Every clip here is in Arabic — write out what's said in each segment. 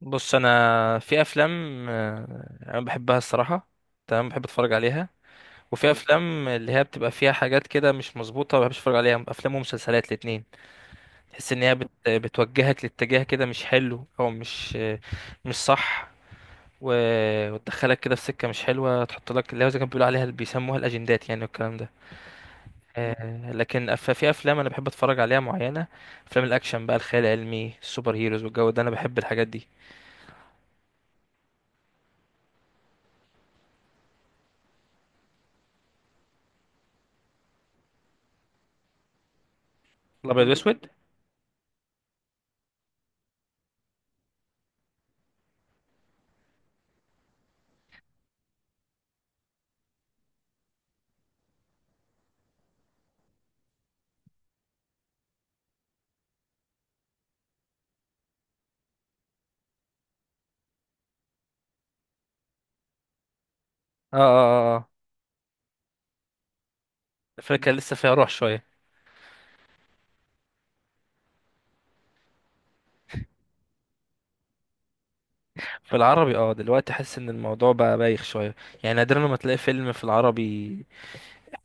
بص انا في افلام انا بحبها الصراحه. تمام بحب اتفرج عليها. وفي افلام اللي هي بتبقى فيها حاجات كده مش مظبوطه ما بحبش اتفرج عليها، افلام ومسلسلات الاتنين. تحس ان هي بتوجهك لاتجاه كده مش حلو او مش مش صح، و... وتدخلك كده في سكه مش حلوه، تحط لك اللي هو زي كانوا بيقولوا عليها اللي بيسموها الاجندات يعني والكلام ده. لكن في افلام انا بحب اتفرج عليها معينه. افلام الاكشن بقى، الخيال العلمي، السوبر هيروز والجو ده، انا بحب الحاجات دي. الابيض واسود. اه اه. فكان لسه فيها روح شويه. في العربي اه دلوقتي حاسس ان الموضوع بقى بايخ شويه، يعني نادرا لما تلاقي فيلم في العربي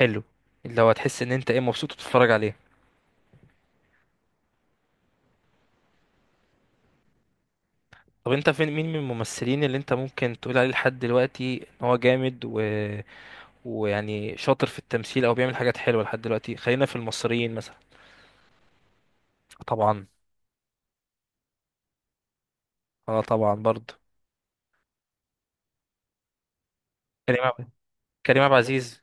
حلو، اللي هو تحس ان انت ايه مبسوط وتتفرج عليه. طب انت فين مين من الممثلين اللي انت ممكن تقول عليه لحد دلوقتي ان هو جامد ويعني شاطر في التمثيل او بيعمل حاجات حلوه لحد دلوقتي؟ خلينا في المصريين مثلا. طبعا. اه طبعا برضه. كريم عب... كريم عبد العزيز.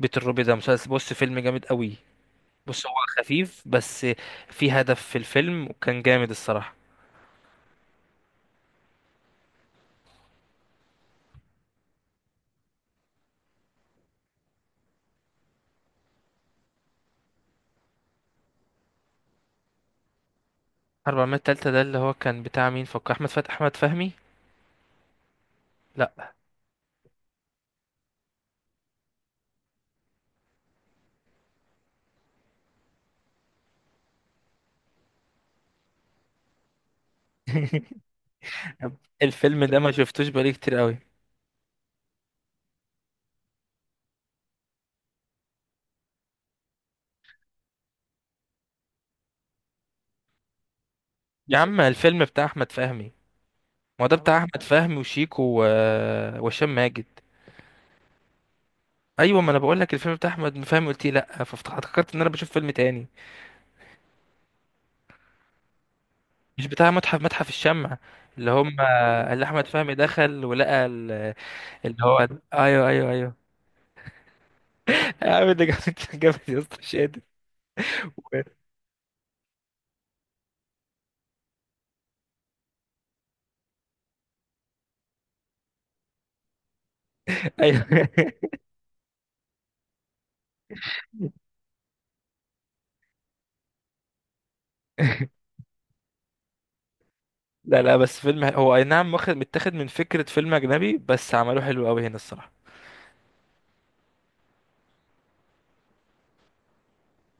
بيت الروبي ده مسلسل، بص فيلم جامد قوي. بص هو خفيف، بس في هدف في الفيلم وكان جامد الصراحه. 400 تالتة ده اللي هو كان بتاع مين؟ فكر، احمد فتحي، احمد فهمي. لا. الفيلم ده ما شفتوش بقالي كتير قوي. يا عم الفيلم بتاع احمد فهمي، ما هو ده بتاع احمد فهمي وشيكو وهشام ماجد. ايوه، ما انا بقول لك الفيلم بتاع احمد فهمي، قلت لي لا فافتكرت ان انا بشوف فيلم تاني. مش بتاع متحف الشمع؟ اللي هم، اللي احمد فهمي دخل ولقى اللي هو، ايوه ايوه ايوه. يا عم ده جامد جامد يا اسطى، مش قادر. ايوه. لا لا بس فيلم هو اي نعم واخد متاخد من فكرة فيلم اجنبي، بس عملوه حلو قوي هنا الصراحة.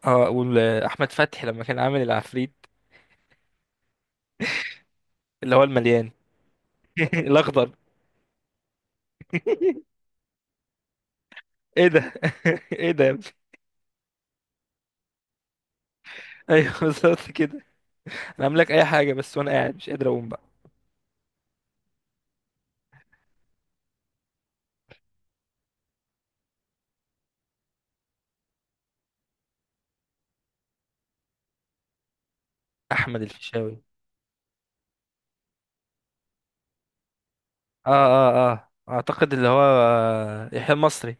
اه واحمد فتحي لما كان عامل العفريت اللي هو المليان، الاخضر. ايه ده. ايه ده يا ابني. ايوه بالظبط كده. انا عامل لك اي حاجة، بس وانا قاعد مش قادر اقوم بقى. احمد الفيشاوي. اه اه اه، اعتقد اللي هو يحيى المصري.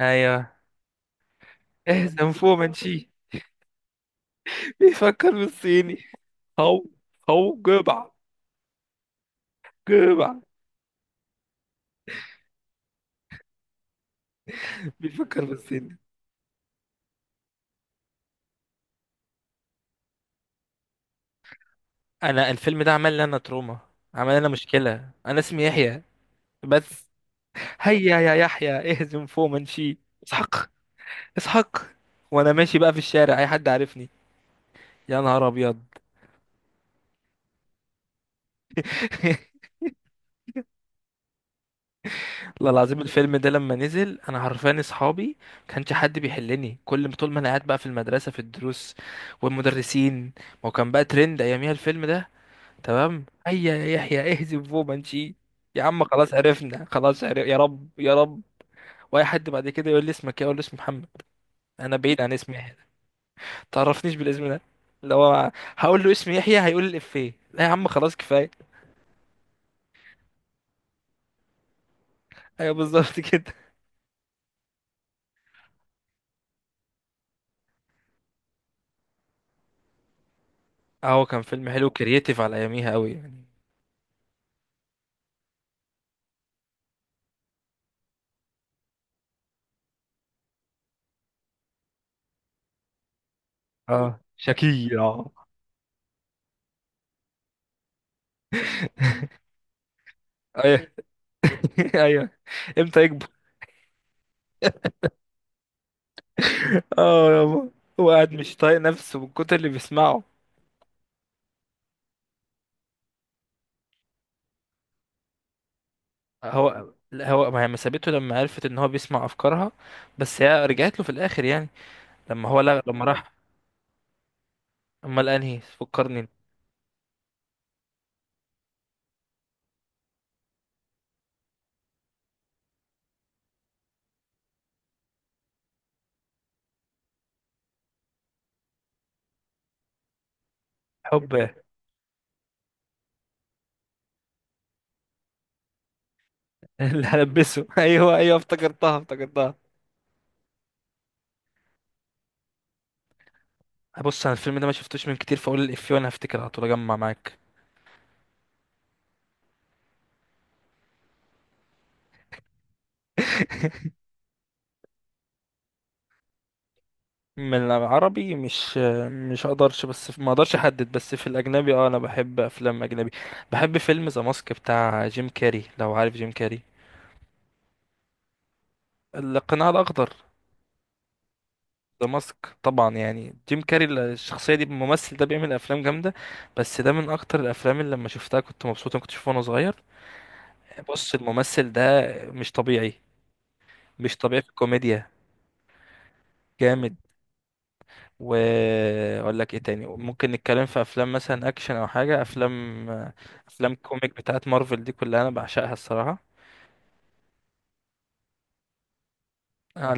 ايوه. اهزم فومنشي. بيفكر بالصيني. هو هو جبع. جبع. بيفكر بالصيني. انا الفيلم ده عمل لي انا تروما، عمل لي انا مشكله، انا اسمي يحيى، بس. هيا يا يحيى اهزم فوق منشي. اسحق. اسحق. وانا ماشي بقى في الشارع اي حد عارفني، يا نهار ابيض. والله العظيم الفيلم ده لما نزل انا عرفاني اصحابي، ما كانش حد بيحلني، كل طول ما انا قاعد بقى في المدرسه في الدروس والمدرسين، ما هو كان بقى ترند اياميها الفيلم ده. تمام هيا يا يحيى اهزم فوق منشي. يا عم خلاص عرفنا، خلاص عرف، يا رب يا رب. واي حد بعد كده يقول لي اسمك ايه اقول له اسمي محمد، انا بعيد عن اسمي يحيى، تعرفنيش بالاسم ده. لو هقول له اسمي يحيى هيقول لي الافيه، لا يا عم خلاص كفايه. ايوه بالظبط كده. اهو كان فيلم حلو كرييتيف على اياميها قوي يعني. اه شكي اه. ايوه. ايوه. امتى يكبر. اه يابا. هو قاعد مش طايق نفسه من كتر اللي بيسمعه. هو لا، هو ما هي ما سابته لما عرفت ان هو بيسمع افكارها، بس هي رجعت له في الاخر يعني، لما هو لما راح. امال انهي؟ فكرني. حب. اللي هلبسه. ايوه ايوه افتكرتها افتكرتها. بص انا الفيلم ده ما شفتوش من كتير، فاقول الافيه وانا هفتكر على طول اجمع معاك. من العربي، مش مش اقدرش بس ما اقدرش احدد. بس في الاجنبي اه، انا بحب افلام اجنبي. بحب فيلم ذا ماسك بتاع جيم كاري، لو عارف جيم كاري. القناع الاخضر. ذا ماسك طبعا، يعني جيم كاري الشخصيه دي الممثل ده بيعمل افلام جامده. بس ده من اكتر الافلام اللي لما شفتها كنت مبسوط، انا كنت شوفه وانا صغير. بص الممثل ده مش طبيعي، مش طبيعي في الكوميديا. جامد. واقول لك ايه تاني، ممكن نتكلم في افلام مثلا اكشن او حاجه، افلام كوميك بتاعت مارفل دي كلها انا بعشقها الصراحه. انا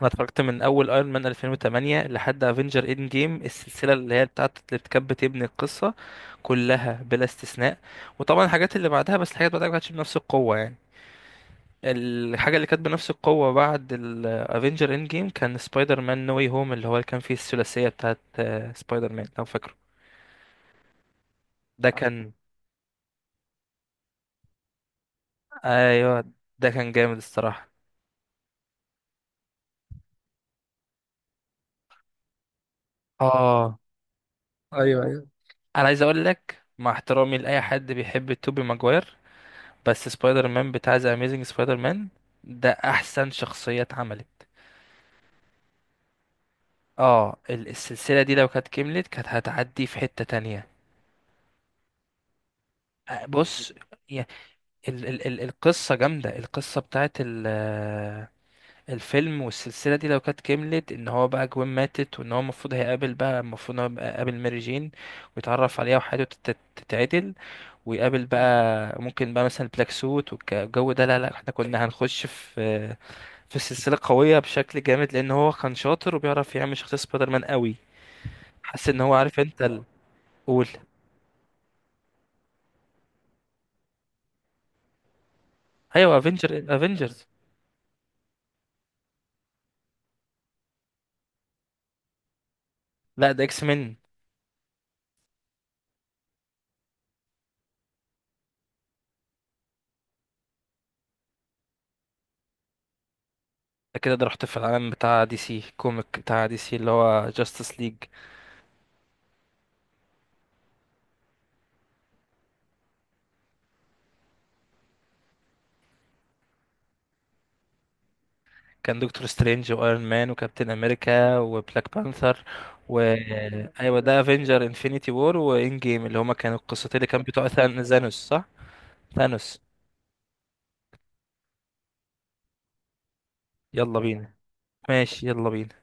انا اتفرجت من اول ايرون مان 2008 لحد افنجر اند جيم، السلسله اللي هي بتاعت اللي كانت بتبني القصه كلها بلا استثناء. وطبعا الحاجات اللي بعدها، بس الحاجات اللي بعدها ما كانتش بنفس القوه يعني. الحاجه اللي كانت بنفس القوه بعد الافنجر اند جيم كان سبايدر مان نو واي هوم، اللي هو اللي كان فيه الثلاثيه بتاعت سبايدر مان لو فاكره. ده كان ايوه، ده كان جامد الصراحه. اه ايوه ايوه. انا عايز اقول لك مع احترامي لاي حد بيحب توبي ماجواير، بس سبايدر مان بتاع ذا اميزنج سبايدر مان ده احسن شخصيه اتعملت. اه السلسله دي لو كانت كملت كانت هتعدي في حته تانية. بص. يا- ال القصه جامده، القصه بتاعت ال آه، الفيلم والسلسله دي لو كانت كملت ان هو بقى جوين ماتت، وان هو المفروض هيقابل بقى، المفروض ان هو يبقى قابل ماري جين ويتعرف عليها وحياته تتعدل ويقابل بقى. ممكن بقى مثلا بلاك سوت والجو ده، لا لا احنا كنا هنخش في سلسلة قوية بشكل جامد، لان هو كان شاطر وبيعرف يعمل شخصية سبايدر مان قوي. حاسس ان هو عارف انت قول. ايوه افنجر، افنجرز. لا ده اكس مين. ده كده ده رحت في العالم بتاع دي سي كوميك، بتاع دي سي اللي هو جاستس ليج. كان دكتور سترينج وايرون مان وكابتن امريكا وبلاك بانثر و... ايوه ده افنجر انفينيتي وور وان جيم، اللي هما كانوا القصتين اللي كان بتوع ثانوس، صح؟ ثانوس. يلا بينا. ماشي يلا بينا.